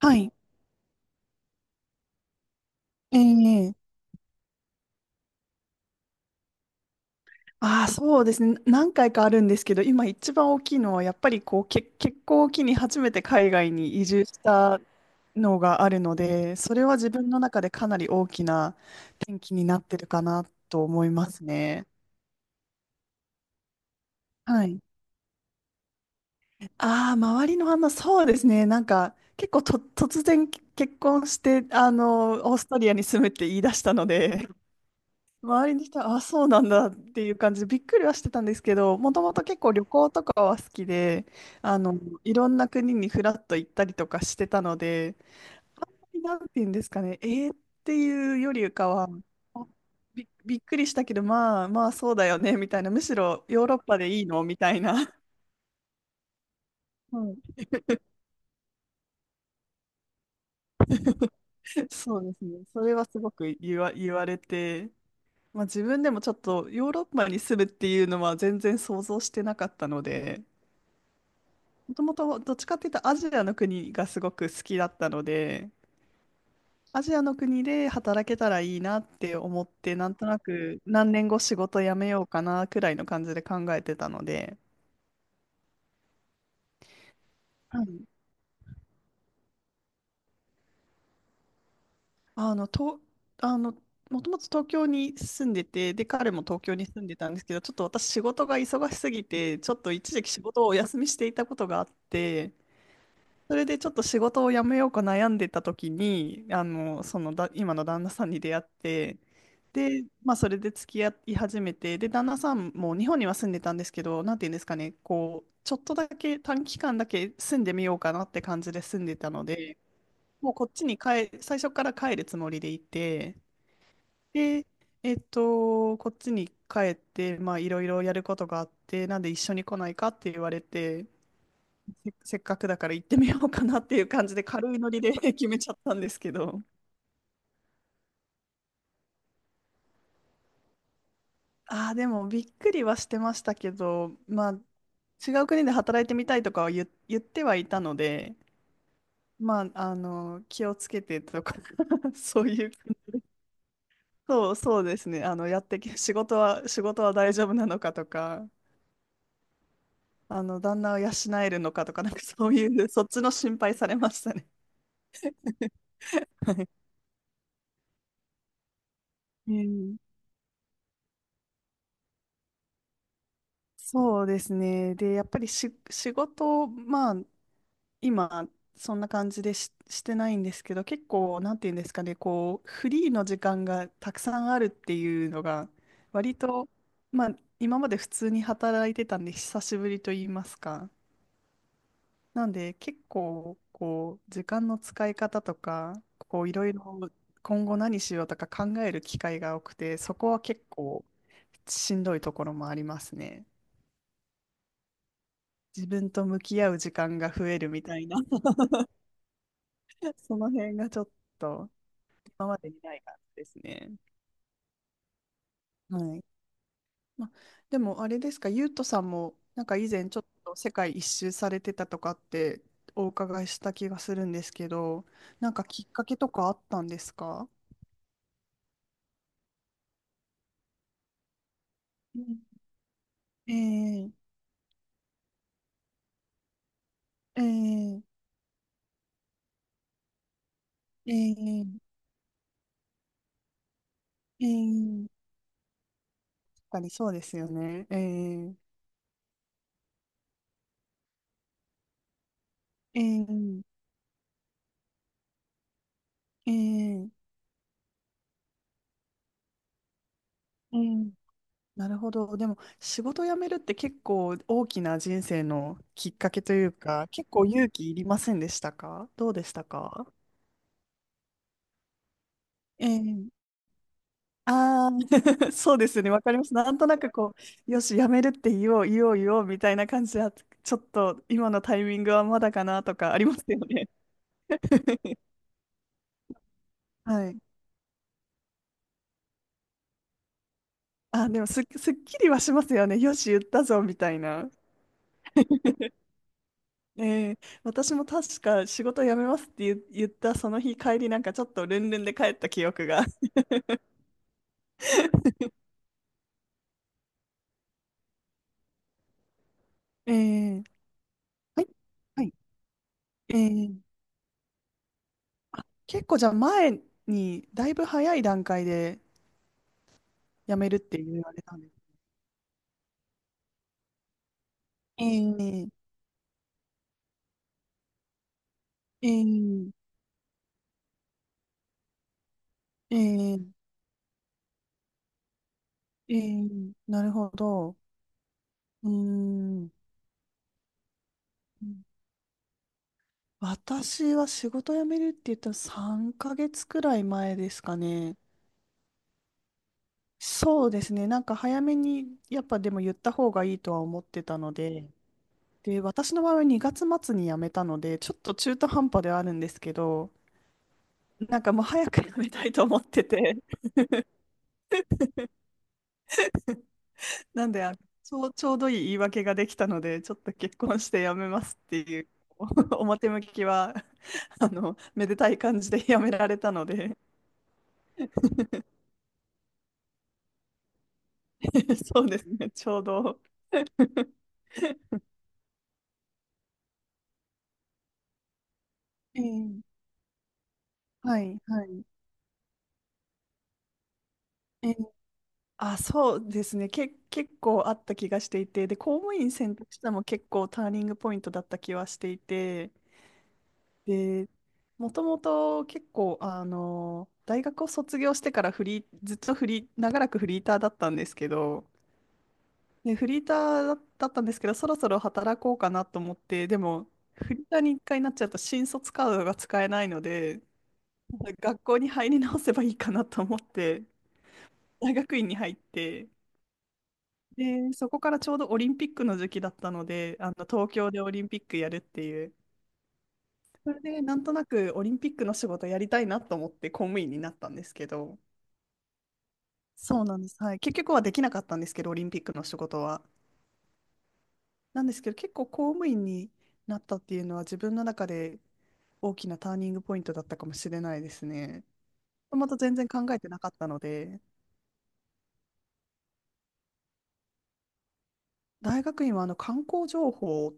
はい。ええああ、そうですね。何回かあるんですけど、今一番大きいのは、やっぱりこう、結婚を機に初めて海外に移住したのがあるので、それは自分の中でかなり大きな転機になってるかなと思いますね。はい。ああ、周りの反応、そうですね。なんか、結構と、突然結婚して、オーストリアに住むって言い出したので、周りの人は、あ、そうなんだっていう感じでびっくりはしてたんですけど、もともと結構旅行とかは好きで、あの、いろんな国にフラッと行ったりとかしてたので、あんまりなんて言うんですかね、えーっていうよりかは、あびっくりしたけど、まあまあそうだよね、みたいな、むしろヨーロッパでいいのみたいな。はい、そうですね。それはすごく言われて、まあ、自分でもちょっとヨーロッパに住むっていうのは全然想像してなかったので、もともとどっちかっていうとアジアの国がすごく好きだったので、アジアの国で働けたらいいなって思って、なんとなく何年後仕事辞めようかなくらいの感じで考えてたので、はい、あの、と、あの、もともと東京に住んでて、で、彼も東京に住んでたんですけど、ちょっと私仕事が忙しすぎて、ちょっと一時期仕事をお休みしていたことがあって、それでちょっと仕事を辞めようか悩んでた時に、あの、そのだ、今の旦那さんに出会って、で、まあそれで付き合い始めて、で、旦那さんも日本には住んでたんですけど、なんていうんですかね、こう、ちょっとだけ短期間だけ住んでみようかなって感じで住んでたので、もうこっちに帰、最初から帰るつもりでいて、で、こっちに帰って、まあいろいろやることがあって、なんで一緒に来ないかって言われて、せっかくだから行ってみようかなっていう感じで軽いノリで 決めちゃったんですけど。ああ、でもびっくりはしてましたけど、まあ違う国で働いてみたいとかは言ってはいたので、まあ、あの、気をつけてとか そういう、そうですね。あの、やってけ、仕事は、仕事は大丈夫なのかとか、あの、旦那を養えるのかとか、なんかそういう、そっちの心配されましたね。はい。うんそうですね。で、やっぱりし、仕事、まあ、今、そんな感じでしてないんですけど、結構、なんていうんですかね、こう、フリーの時間がたくさんあるっていうのが、割と、まあ、今まで普通に働いてたんで、久しぶりと言いますか。なんで、結構、こう、時間の使い方とか、こう、いろいろ、今後何しようとか考える機会が多くて、そこは結構、しんどいところもありますね。自分と向き合う時間が増えるみたいな その辺がちょっと。今までにない感じですね。はい。まあ、でもあれですか、ゆうとさんも、なんか以前ちょっと世界一周されてたとかってお伺いした気がするんですけど、なんかきっかけとかあったんですか？うんえー、えー、えー、えー、確かにそうですよね。えー、えー、えー、なるほど。でも、仕事辞めるって結構大きな人生のきっかけというか、結構勇気いりませんでしたか？どうでしたか？ええああ、 そうですね。わかります。なんとなくよし、辞めるって言おう、みたいな感じは、ちょっと今のタイミングはまだかなとかありますよね。はい。あ、でもすっきりはしますよね。よし、言ったぞ、みたいな。ええ、私も確か仕事辞めますって言ったその日帰りなんかちょっとルンルンで帰った記憶が。ええ、はい、はい、ええ。あ、結構じゃあ前にだいぶ早い段階で辞めるって言われたんです。ええ。ええええええなるほど。うーん。私は仕事辞めるって言ったら3ヶ月くらい前ですかね。そうですね。なんか早めに、やっぱでも言った方がいいとは思ってたので、で、私の場合は2月末に辞めたので、ちょっと中途半端ではあるんですけど、なんかもう早く辞めたいと思ってて、なんで、あちょう、ちょうどいい言い訳ができたので、ちょっと結婚して辞めますっていう、表向きは、あの、めでたい感じで辞められたので、そうですね、ちょうど。ええ。はい、はい。あ、そうですね。結構あった気がしていて、で、公務員選択したのも結構ターニングポイントだった気はしていて、で、もともと結構、あの、大学を卒業してからフリー、ずっとフリー、長らくフリーターだったんですけど、で、フリーターだったんですけど、そろそろ働こうかなと思って、でも、フリーターに一回なっちゃうと新卒カードが使えないので、学校に入り直せばいいかなと思って、大学院に入って、で、そこからちょうどオリンピックの時期だったので、あの東京でオリンピックやるっていう、それでなんとなくオリンピックの仕事やりたいなと思って公務員になったんですけど、そうなんです。はい。結局はできなかったんですけど、オリンピックの仕事は。なんですけど、結構公務員になったっていうのは自分の中で大きなターニングポイントだったかもしれないですね。もともと全然考えてなかったので。大学院はあの観光情報、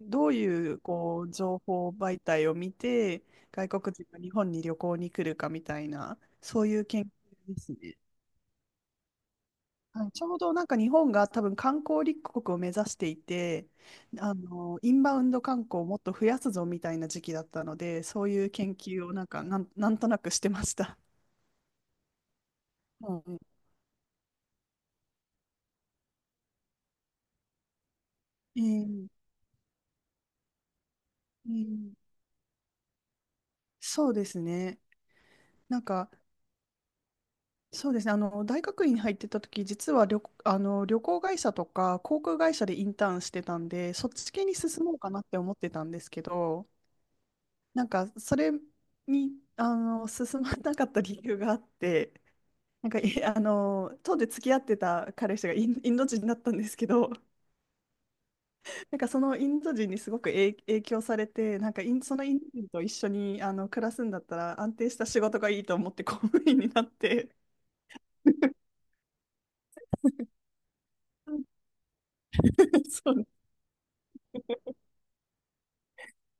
どういうこう情報媒体を見て、外国人が日本に旅行に来るかみたいな、そういう研究ですね。はい、ちょうどなんか日本が多分観光立国を目指していて、あのインバウンド観光をもっと増やすぞみたいな時期だったので、そういう研究をなんかなんとなくしてました。はい、えーそうですね。なんかそうですね。あの、大学院に入ってた時、実はあの、旅行会社とか航空会社でインターンしてたんで、そっち系に進もうかなって思ってたんですけど、なんか、それに、あの、進まなかった理由があって、なんか、あの、当時付き合ってた彼氏がインド人だったんですけど、なんかそのインド人にすごく影響されて、なんかそのインド人と一緒に、あの、暮らすんだったら安定した仕事がいいと思って公務員になって、そう。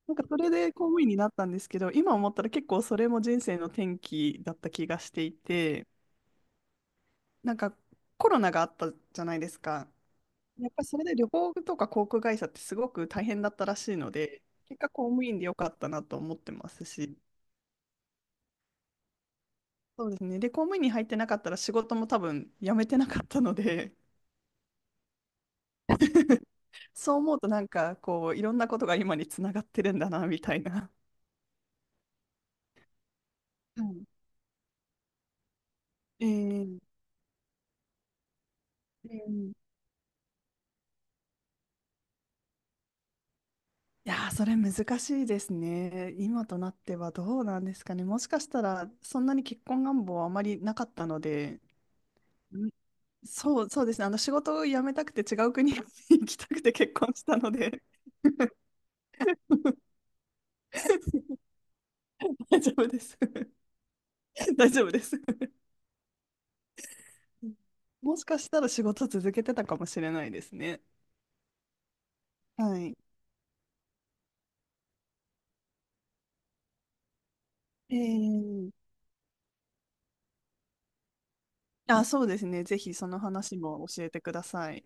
なんかそれで公務員になったんですけど、今思ったら結構それも人生の転機だった気がしていて、なんかコロナがあったじゃないですか。やっぱりそれで旅行とか航空会社ってすごく大変だったらしいので、結果公務員でよかったなと思ってますし、そうですね。で、公務員に入ってなかったら仕事も多分辞めてなかったので、そう思うとなんかこういろんなことが今につながってるんだなみたいな。はい。えーえーいやー、それ難しいですね。今となってはどうなんですかね。もしかしたら、そんなに結婚願望はあまりなかったので、うんそうですね。あの、仕事を辞めたくて違う国に 行きたくて結婚したので 大丈夫です。 大丈夫です。もしかしたら仕事続けてたかもしれないですね。はい。えー、あ、そうですね。ぜひその話も教えてください。